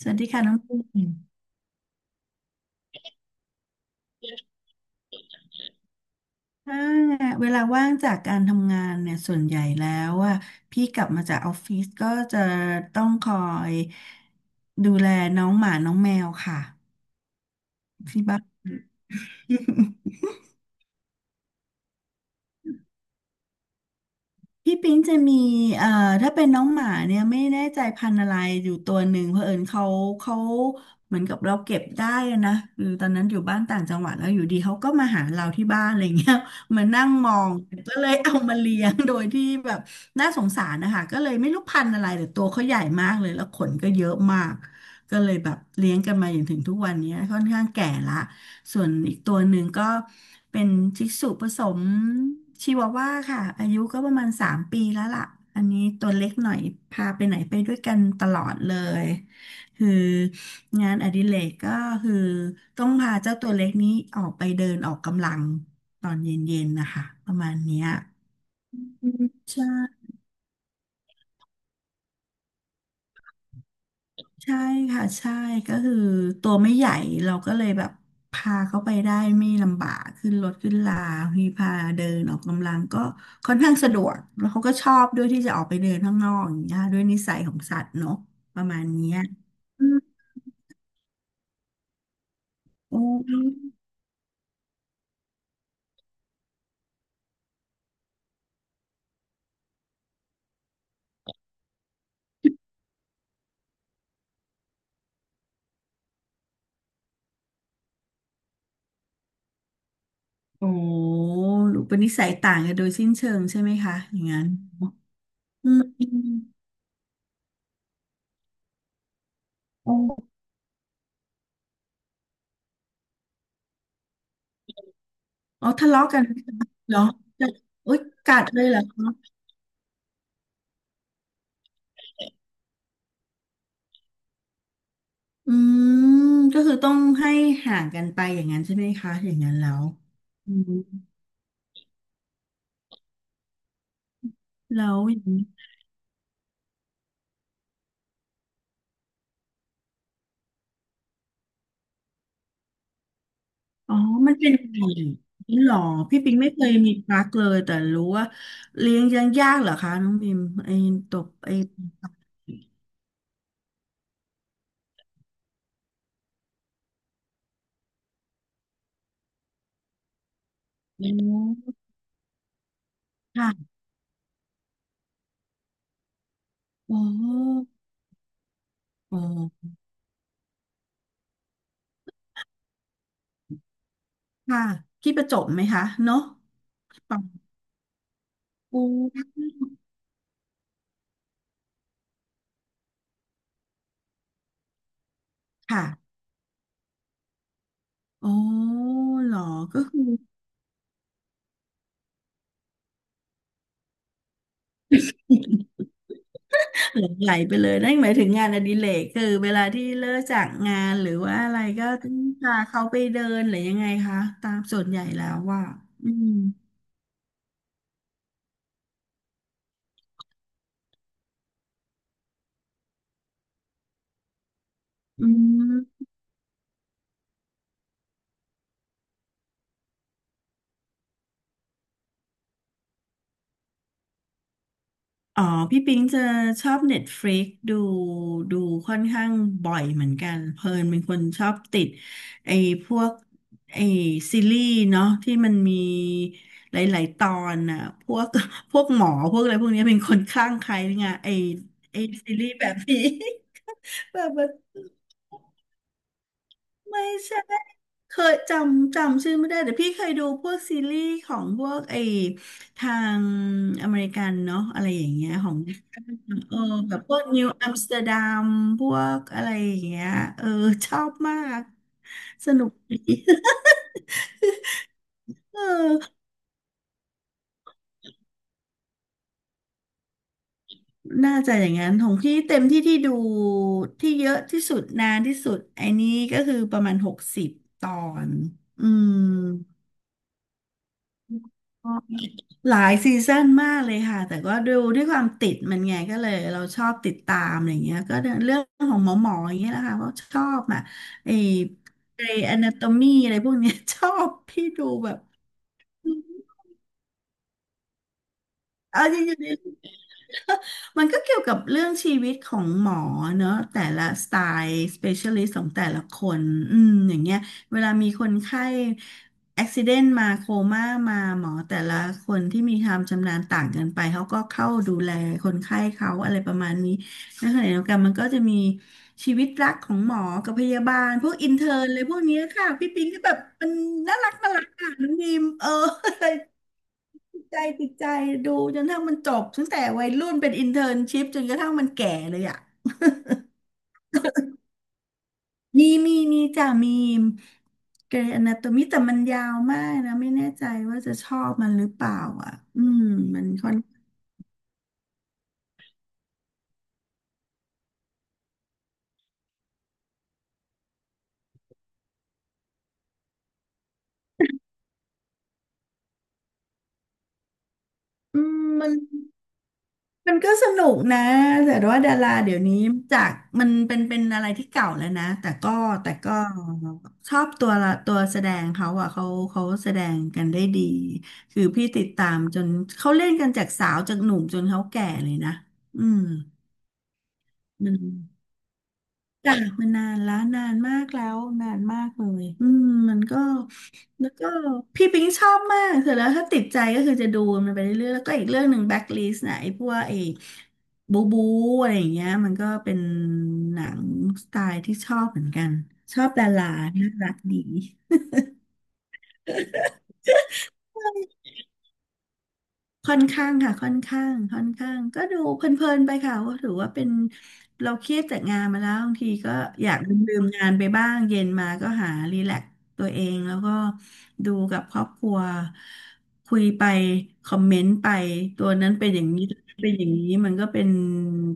สวัสดีค่ะน้องปิ่งถ้าเวลาว่างจากการทำงานเนี่ยส่วนใหญ่แล้วอ่ะพี่กลับมาจากออฟฟิศก็จะต้องคอยดูแลน้องหมาน้องแมวค่ะที่บ้าน พี่ปิ๊งจะมีเอ่อถ้าเป็นน้องหมาเนี่ยไม่แน่ใจพันธุ์อะไรอยู่ตัวหนึ่งเผอิญเขาเหมือนกับเราเก็บได้อะนะคือตอนนั้นอยู่บ้านต่างจังหวัดแล้วอยู่ดีเขาก็มาหาเราที่บ้านอะไรเงี้ย มานั่งมองก็เลยเอามาเลี้ยงโดยที่แบบน่าสงสารนะคะก็เลยไม่รู้พันธุ์อะไรแต่ตัวเขาใหญ่มากเลยแล้วขนก็เยอะมากก็เลยแบบเลี้ยงกันมาอย่างถึงทุกวันนี้ค่อนข้างแก่ละ ส่วนอีกตัวหนึ่งก็เป็นชิสุผสมชิวาว่าค่ะอายุก็ประมาณ3 ปีแล้วล่ะอันนี้ตัวเล็กหน่อยพาไปไหนไปด้วยกันตลอดเลยคืองานอดิเรกก็คือต้องพาเจ้าตัวเล็กนี้ออกไปเดินออกกำลังตอนเย็นๆนะคะประมาณเนี้ยอืมใช่ ใช่ค่ะใช่ก็คือตัวไม่ใหญ่เราก็เลยแบบพาเขาไปได้ไม่ลำบากขึ้นรถขึ้นลามีพาเดินออกกำลังก็ค่อนข้างสะดวกแล้วเขาก็ชอบด้วยที่จะออกไปเดินข้างนอกอย่างเงี้ยด้วยนิสัยของสัตว์เนาะประมาณเนี้ยอืมโอ้โอ้หรือเป็นนิสัยต่างกันโดยสิ้นเชิงใช่ไหมคะอย่างนั้นอืมโอ้อ๋อทะเลาะกันเหรออุ๊ยกัดเลยเหรอ อืมก็คือต้องให้ห่างกันไปอย่างนั้นใช่ไหมคะอย่างนั้นแล้วอืมแล้วอย่างนี้อ๋อมันเป็นยังไงนี่หรอพี่ปิงไม่เคยมีปลั๊กเลยแต่รู้ว่าเลี้ยงยังยากเหรอคะน้องบิมไอ้ตบอ๋อค่ะอ๋ออ๋อค่ะที่ประจบไหมคะเนาะปังปูค่ะอ๋อเหรอก็คือ หลงไหลไปเลยนั่นหมายถึงงานอดิเรกคือเวลาที่เลิกจากงานหรือว่าอะไรก็ต้องพาเขาไปเดินหรือยังไงคะตามส่วนใหญ่แล้วว่าอืมอืมอ๋อพี่ปิงจะชอบเน็ตฟ i ิกดูค่อนข้างบ่อยเหมือนกันเพลินเป็นคนชอบติดไอ้พวกไอ้ซีรีส์เนาะที่มันมีหลายๆตอนน่ะพวก พวกหมอพวกอะไรพวกเนี้ยเป็นคนข้างใครงานไอ้ไอ้ซีรีส์แบบนี้ แบบ ไม่ใช่ เคยจำชื่อไม่ได้แต่พี่เคยดูพวกซีรีส์ของพวกทางอเมริกันเนาะอะไรอย่างเงี้ยของเออแบบพวกนิวอัมสเตอร์ดัมพวกอะไรอย่างเงี้ยเออชอบมากสนุกดี เออน่าจะอย่างนั้นของพี่เต็มที่ที่ดูที่เยอะที่สุดนานที่สุดไอ้นี้ก็คือประมาณ60 ตอนอืม หลายซีซั่นมากเลยค่ะแต่ก็ดูด้วยความติดมันไงก็เลยเราชอบติดตามอะไรเงี้ยก็เรื่องของหมออย่างเงี้ยแหละค่ะเพราะชอบอ่ะไอ้ไอ้อนาโตมีอะไรพวกเนี้ย ชอบพี่ดูแบบ เอาจริงๆ มันก็เกี่ยวกับเรื่องชีวิตของหมอเนอะ แต่ละสไตล์ specialist ของแต่ละคนอืมอย่างเงี้ยเวลามีคนไข้ accident มาโคม่ามาหมอแต่ละคนที่มีความชำนาญต่างกันไปเขาก็เข้าดูแลคนไข้เขาอะไรประมาณนี้ แล้วขณะเดียวกันมันก็จะมีชีวิตรักของหมอกับพยาบาลพวกอินเทอร์นเลยพวกเนี้ยค่ะพี่ปิงก็แบบมันน่ารักอ่ะน้องดีมเออติดใจติดใจดูจนกระทั่งมันจบตั้งแต่วัยรุ่นเป็นอินเทอร์นชิพจนกระทั่งมันแก่เลยอ่ะมีจ้ะมีเกรย์อนาโตมีแต่มันยาวมากนะไม่แน่ใจว่าจะชอบมันหรือเปล่าอ่ะอืมมันค่อนอืมมัน มันก็สนุกนะแต่ว่าดาราเดี๋ยวนี้จากมันเป็นอะไรที่เก่าแล้วนะแต่ก็แต่ก็ชอบตัวละตัวแสดงเขาอ่ะเขาแสดงกันได้ดีคือพี่ติดตามจนเขาเล่นกันจากสาวจากหนุ่มจนเขาแก่เลยนะอืม จ้ะมันนานแล้วนานมากแล้วนานมากเลยอืมมันก็แล้วก็พี่ปิงชอบมากเสร็จแล้วถ้าติดใจก็คือจะดูมันไปเรื่อยๆแล้วก็อีกเรื่องหนึ่งแบ็คลิสต์นะไอ้พวกไอ้บูบูอะไรอย่างเงี้ยมันก็เป็นหนังสไตล์ที่ชอบเหมือนกันชอบดาราน่ารักดี ค่อนข้างค่ะค่อนข้างก็ดูเพลินๆไปค่ะว่าถือว่าเป็นเราเครียดจากงานมาแล้วบางทีก็อยากลืมๆงานไปบ้างเย็นมาก็หารีแลกซ์ตัวเองแล้วก็ดูกับครอบครัวคุยไปคอมเมนต์ไปตัวนั้นเป็นอย่างนี้ตัวนั้นเป็นอย่างนี้มันก็เป็น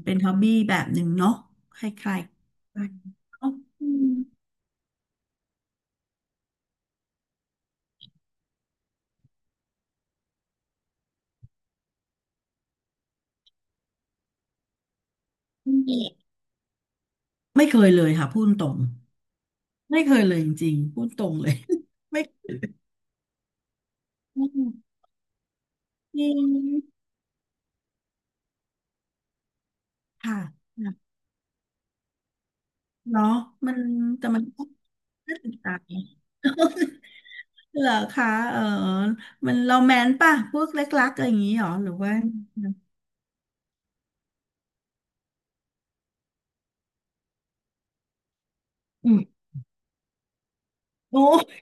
เป็นฮ็อบบี้แบบหนึ่งเนาะคล้ายๆกันเนาะอืมอืมไม่เคยเลยค่ะพูดตรงไม่เคยเลยจริงๆพูดตรงเลย ไม่อืมจริง ค่ะค่ะเนาะมันแต่มันก็น่าสนใจเหรอคะเออมันโรแมนต์ป่ะพวกเล็กรักอะไรอย่างนี้หรอหรือว่าอืมโอ้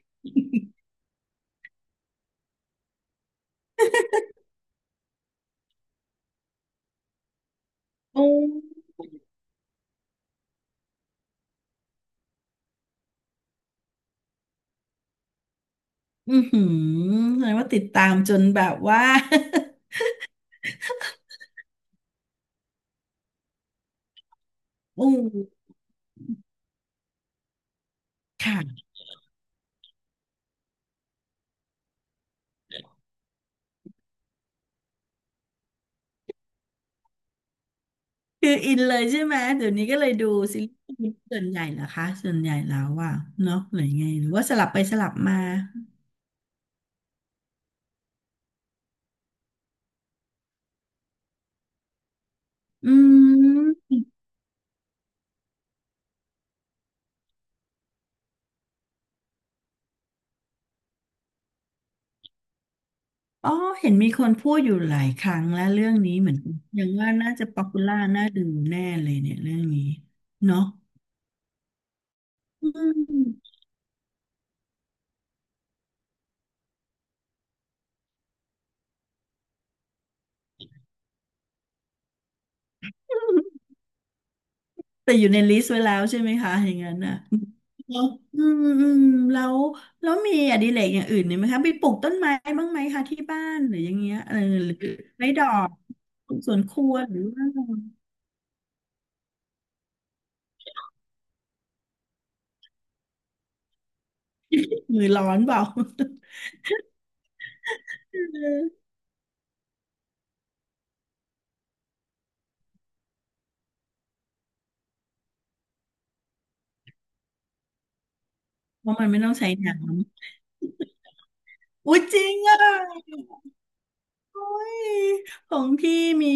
โอ้อือหือแสดงว่าติดตามจนแบบว่า อู้ค่ะคืออินเลยใช่ไหม เดี๋ยวนี้ก็เลยดูซีรีส์ส่วนใหญ่เหรอคะส่วนใหญ่แล้วอ่ะเนาะหรือไงหรือว่าสลับไปสลับมาอืม อ๋อเห็นมีคนพูดอยู่หลายครั้งแล้วเรื่องนี้เหมือนกันยังว่าน่าจะป๊อปปูล่าน่าดูแน่เลยเนี่ยเรื่องนี้เนาะอืม แต่อยู่ในลิสต์ไว้แล้วใช่ไหมคะอย่างนั้นน่ะเนาะอืมอืมแล้วแล้วมีอดิเรกอย่างอื่นเนี่ยไหมคะไปปลูกต้นไม้บ้างไหมคะที่บ้านหรืออย่างเงี้ยเออหรือไม้ดอกปลูกสวนครัวหรือว่ามือร้อนเปล่า เพราะมันไม่ต้องใช้น้ อุ๊ยจริงอ่ะโอ้ยของพี่มี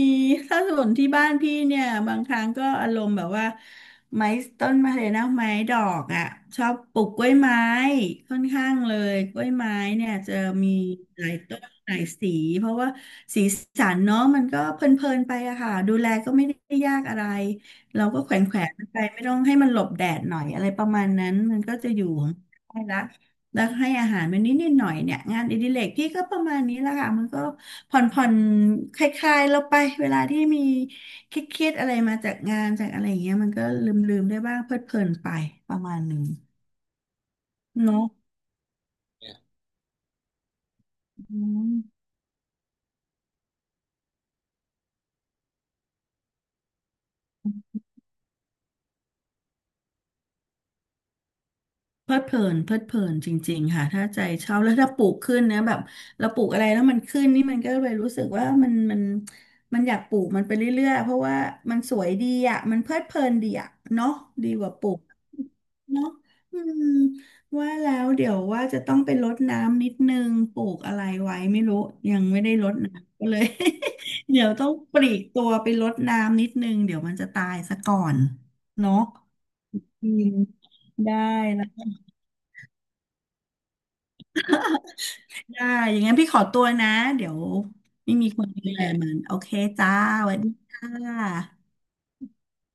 ถ้าส่วนที่บ้านพี่เนี่ยบางครั้งก็อารมณ์แบบว่าไม้ต้นมะเลยนะไม้ดอกอ่ะชอบปลูกกล้วยไม้ค่อนข้างเลยกล้วยไม้เนี่ยจะมีหลายต้นหลายสีเพราะว่าสีสันเนาะมันก็เพลินๆไปอะค่ะดูแลก็ไม่ได้ยากอะไรเราก็แขวนๆมันไปไม่ต้องให้มันหลบแดดหน่อยอะไรประมาณนั้นมันก็จะอยู่ของมันได้ละ แล้วให้อาหารมันนิดนิดหน่อยเนี่ยงานอดิเรกพี่ก็ประมาณนี้แหละค่ะมันก็ผ่อนผ่อนคลายๆเราไปเวลาที่มีเครียดๆอะไรมาจากงานจากอะไรอย่างเงี้ยมันก็ลืมๆได้บ้างเพลิดเพลินไปประมาณนึงเนาะ เพลิดเพลินเพลิดเพลินจริงๆค่ะถ้าใจชอบแล้วถ้าปลูกขึ้นนะแบบเราปลูกอะไรแล้วมันขึ้นนี่มันก็เลยรู้สึกว่ามันมันอยากปลูกมันไปเรื่อยๆเพราะว่ามันสวยดีอ่ะมันเพลิดเพลินดีอ่ะเนาะดีกว่าปลูกเนาะอืมว่าแล้วเดี๋ยวว่าจะต้องไปรดน้ำนิดนึงปลูกอะไรไว้ไม่รู้ยังไม่ได้รดน้ำก็เลย เดี๋ยวต้องปลีกตัวไปรดน้ำนิดนึงเดี๋ยวมันจะตายซะก่อนเนาะอืมได้ ได้ อย่างงั้นพี่ขอตัวนะ เดี๋ยวไม่มีคนดูแลมัน โอเคจ้าสวัสดีค่ะ